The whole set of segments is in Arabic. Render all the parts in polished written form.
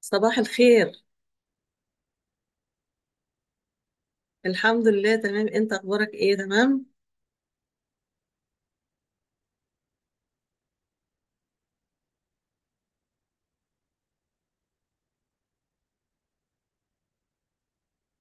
صباح الخير. الحمد لله، تمام. انت اخبارك ايه؟ تمام.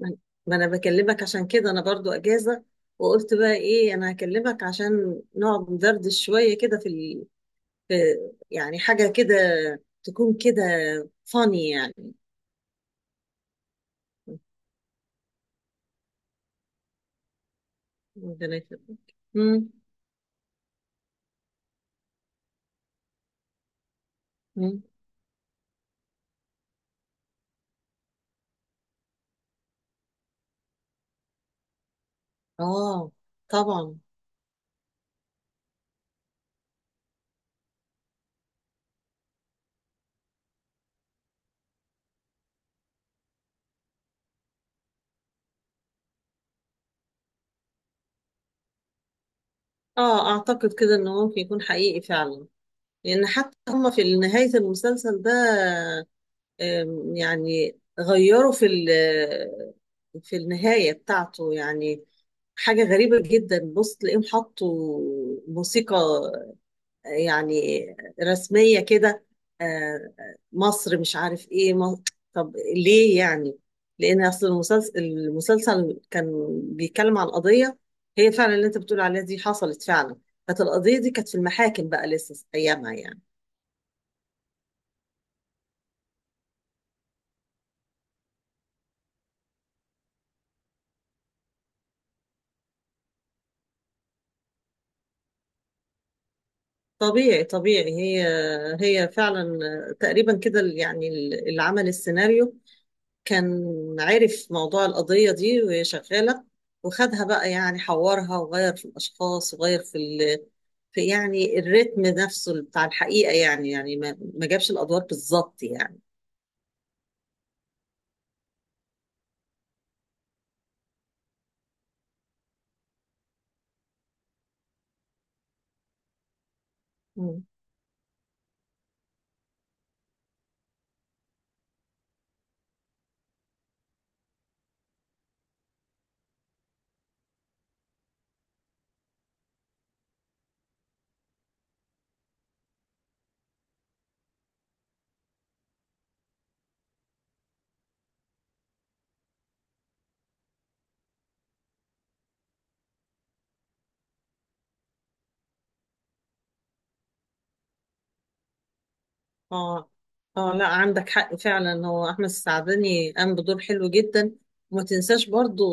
ما ما انا بكلمك عشان كده، انا برضو اجازة. وقلت بقى ايه، انا هكلمك عشان نقعد ندردش شوية كده في، يعني حاجة كده تكون كده، فاني يعني. امم امم اه، طبعا. اه، اعتقد كده انه ممكن يكون حقيقي فعلا، لان حتى هم في نهاية المسلسل ده يعني غيروا في النهاية بتاعته، يعني حاجة غريبة جدا. بص، تلاقيهم حطوا موسيقى يعني رسمية كده. آه، مصر مش عارف ايه مصر. طب ليه يعني؟ لأن أصل المسلسل، كان بيتكلم عن قضية هي فعلا اللي أنت بتقول عليها، دي حصلت فعلا. كانت القضية دي كانت في المحاكم بقى لسه أيامها يعني. طبيعي طبيعي، هي فعلا تقريبا كده يعني. اللي عمل السيناريو كان عارف موضوع القضية دي وهي شغالة، وخدها بقى يعني حورها وغير في الأشخاص وغير في يعني الريتم نفسه بتاع الحقيقة، يعني يعني ما جابش الأدوار بالظبط يعني. مم. اه، اه، لا، عندك حق فعلا. هو أحمد السعدني قام بدور حلو جدا، وما تنساش برضو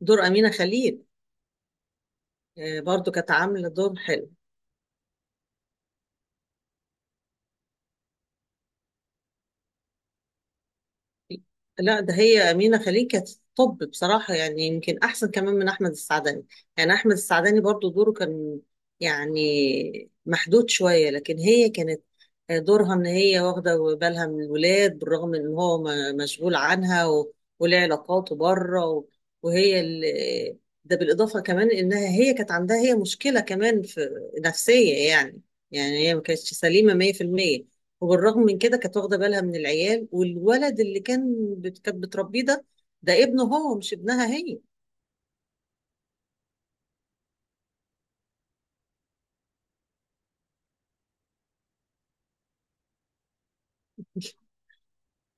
دور أمينة خليل. برضو كانت عاملة دور حلو. لا، ده هي أمينة خليل كانت، طب بصراحة يعني يمكن أحسن كمان من أحمد السعداني. يعني أحمد السعداني برضو دوره كان يعني محدود شوية، لكن هي كانت دورها إن هي واخدة بالها من الولاد، بالرغم إن هو مشغول عنها، وليه علاقاته بره، وهي ده بالإضافة كمان إنها هي كانت عندها هي مشكلة كمان في نفسية يعني. يعني هي ما كانتش سليمة 100%، وبالرغم من كده كانت واخده بالها من العيال، والولد اللي كان كانت بتربيه ده، ده ابنه هو مش ابنها هي.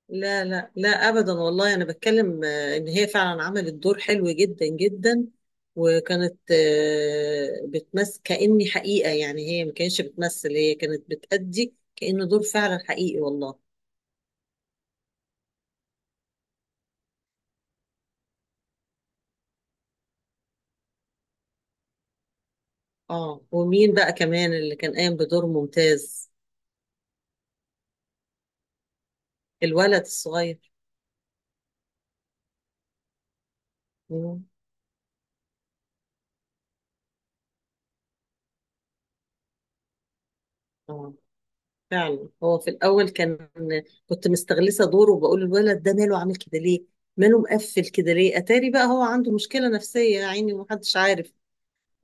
لا لا لا، ابدا والله، انا بتكلم ان هي فعلا عملت دور حلو جدا جدا، وكانت بتمثل كأني حقيقه. يعني هي ما كانتش بتمثل، هي كانت بتأدي كأنه دور فعلا حقيقي والله. اه، ومين بقى كمان اللي كان قايم بدور ممتاز؟ الولد الصغير. مم. اه، فعلا هو في الأول كان كنت مستغلسة دوره وبقول الولد ده ماله عامل كده ليه؟ ماله مقفل كده ليه؟ أتاري بقى هو عنده مشكلة نفسية يا عيني ومحدش عارف.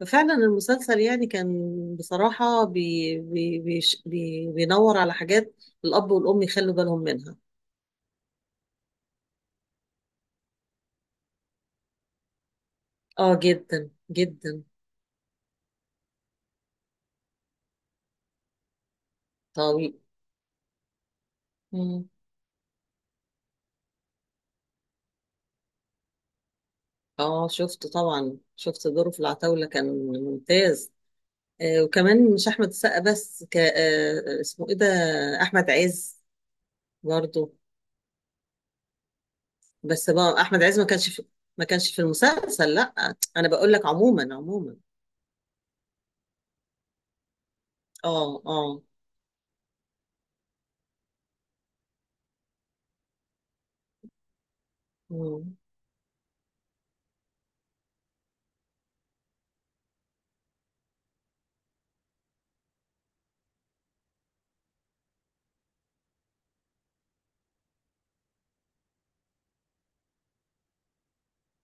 ففعلا المسلسل يعني كان بصراحة بي بي بيش- بي بينور على حاجات الأب والأم يخلوا بالهم منها. آه، جدا جدا. طبيعي. مم. آه، شفته طبعا، شفت دوره في العتاولة كان ممتاز. آه، وكمان مش أحمد السقا بس، ك اسمه إيه ده، أحمد عز برضه. بس بقى احمد عز ما كانش في، ما كانش في المسلسل، لا انا بقول لك عموما عموما. اه، اه. مم.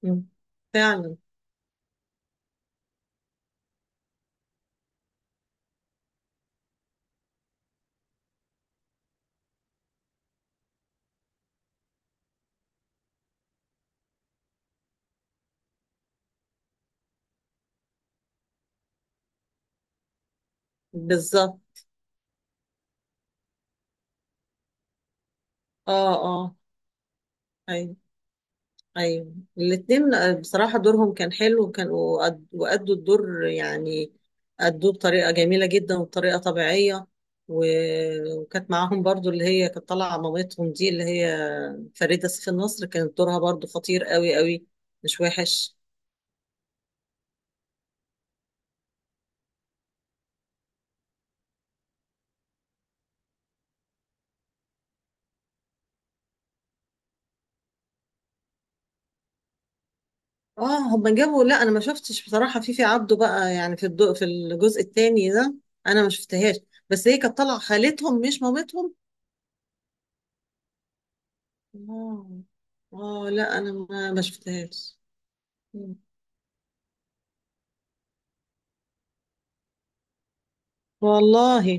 مم. فعلا. بالظبط. اه، اه. ايوه، ايوه الاتنين. بصراحة دورهم كان حلو، وكانوا وأدوا الدور يعني. أدوه بطريقة جميلة جدا وبطريقة طبيعية، و- وكانت معاهم برضو اللي هي كانت طالعة مامتهم، دي اللي هي فريدة سيف النصر، كانت دورها برضو خطير قوي قوي، مش وحش. اه، هما جابوا، لا انا ما شفتش بصراحه فيفي عبده بقى يعني في الضوء في الجزء الثاني ده، انا ما شفتهاش. بس هي كانت طالعه خالتهم مش مامتهم. اه. اه، لا انا ما شفتهاش. مم. والله،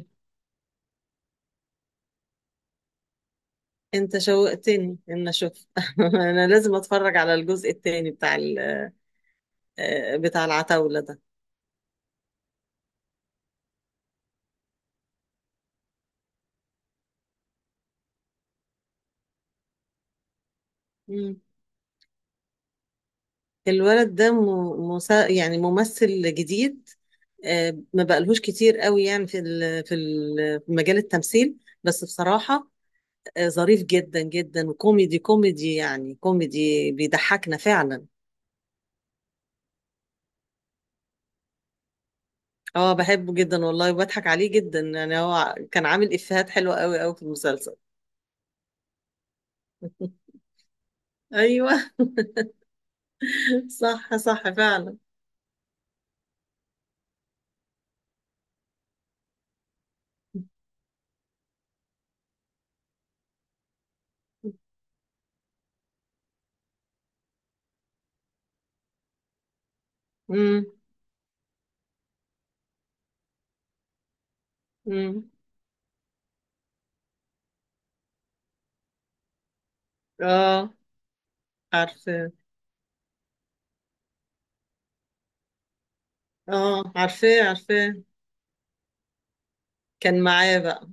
انت شوقتني ان اشوف. انا لازم اتفرج على الجزء الثاني بتاع بتاع العتاوله ده. مم. الولد ده مسا يعني ممثل جديد، ما بقالهوش كتير قوي يعني في في في مجال التمثيل. بس بصراحة ظريف جدا جدا وكوميدي، كوميدي يعني، كوميدي بيضحكنا فعلا. اه، بحبه جدا والله وبضحك عليه جدا. يعني هو كان عامل افيهات حلوه قوي قوي في المسلسل. ايوه. صح صح فعلا. امم. امم. اه، عارفاه. اه، عارفاه، عارفاه. كان معاه بقى.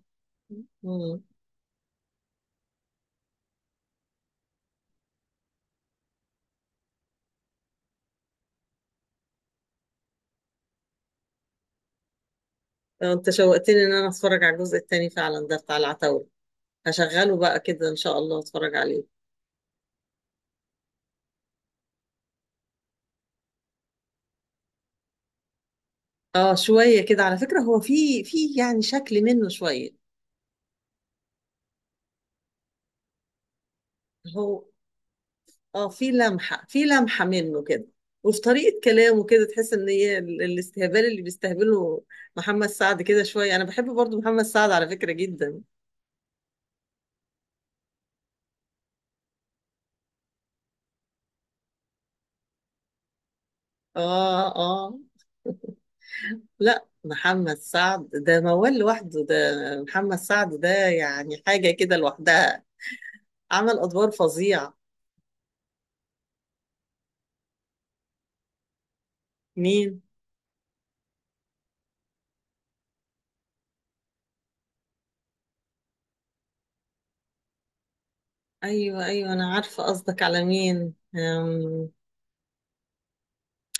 امم. انت شوقتني ان انا اتفرج على الجزء التاني فعلا ده بتاع العتاولة. هشغله بقى كده ان شاء الله اتفرج عليه. اه، شوية كده على فكرة، هو في يعني شكل منه شوية. هو اه، في لمحة منه كده، وفي طريقة كلامه كده تحس ان هي الاستهبال اللي بيستهبله محمد سعد كده شوية. انا بحب برضو محمد سعد على فكرة جدا. اه، اه، لا، محمد سعد ده موال لوحده ده، محمد سعد ده يعني حاجة كده لوحدها. عمل ادوار فظيعة. مين؟ ايوه، ايوه انا عارفة قصدك على مين.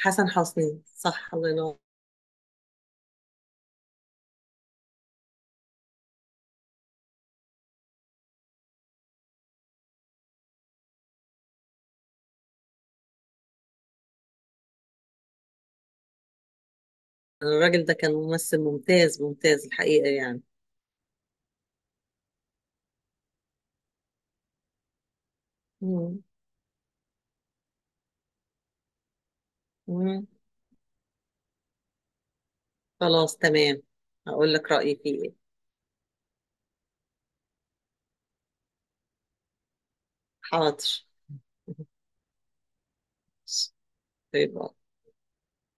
حسن حسني. صح، الله ينور. الراجل ده كان ممثل ممتاز ممتاز الحقيقة يعني. مم. مم. خلاص، تمام. هقول لك رأيي فيه ايه. حاضر. طيب.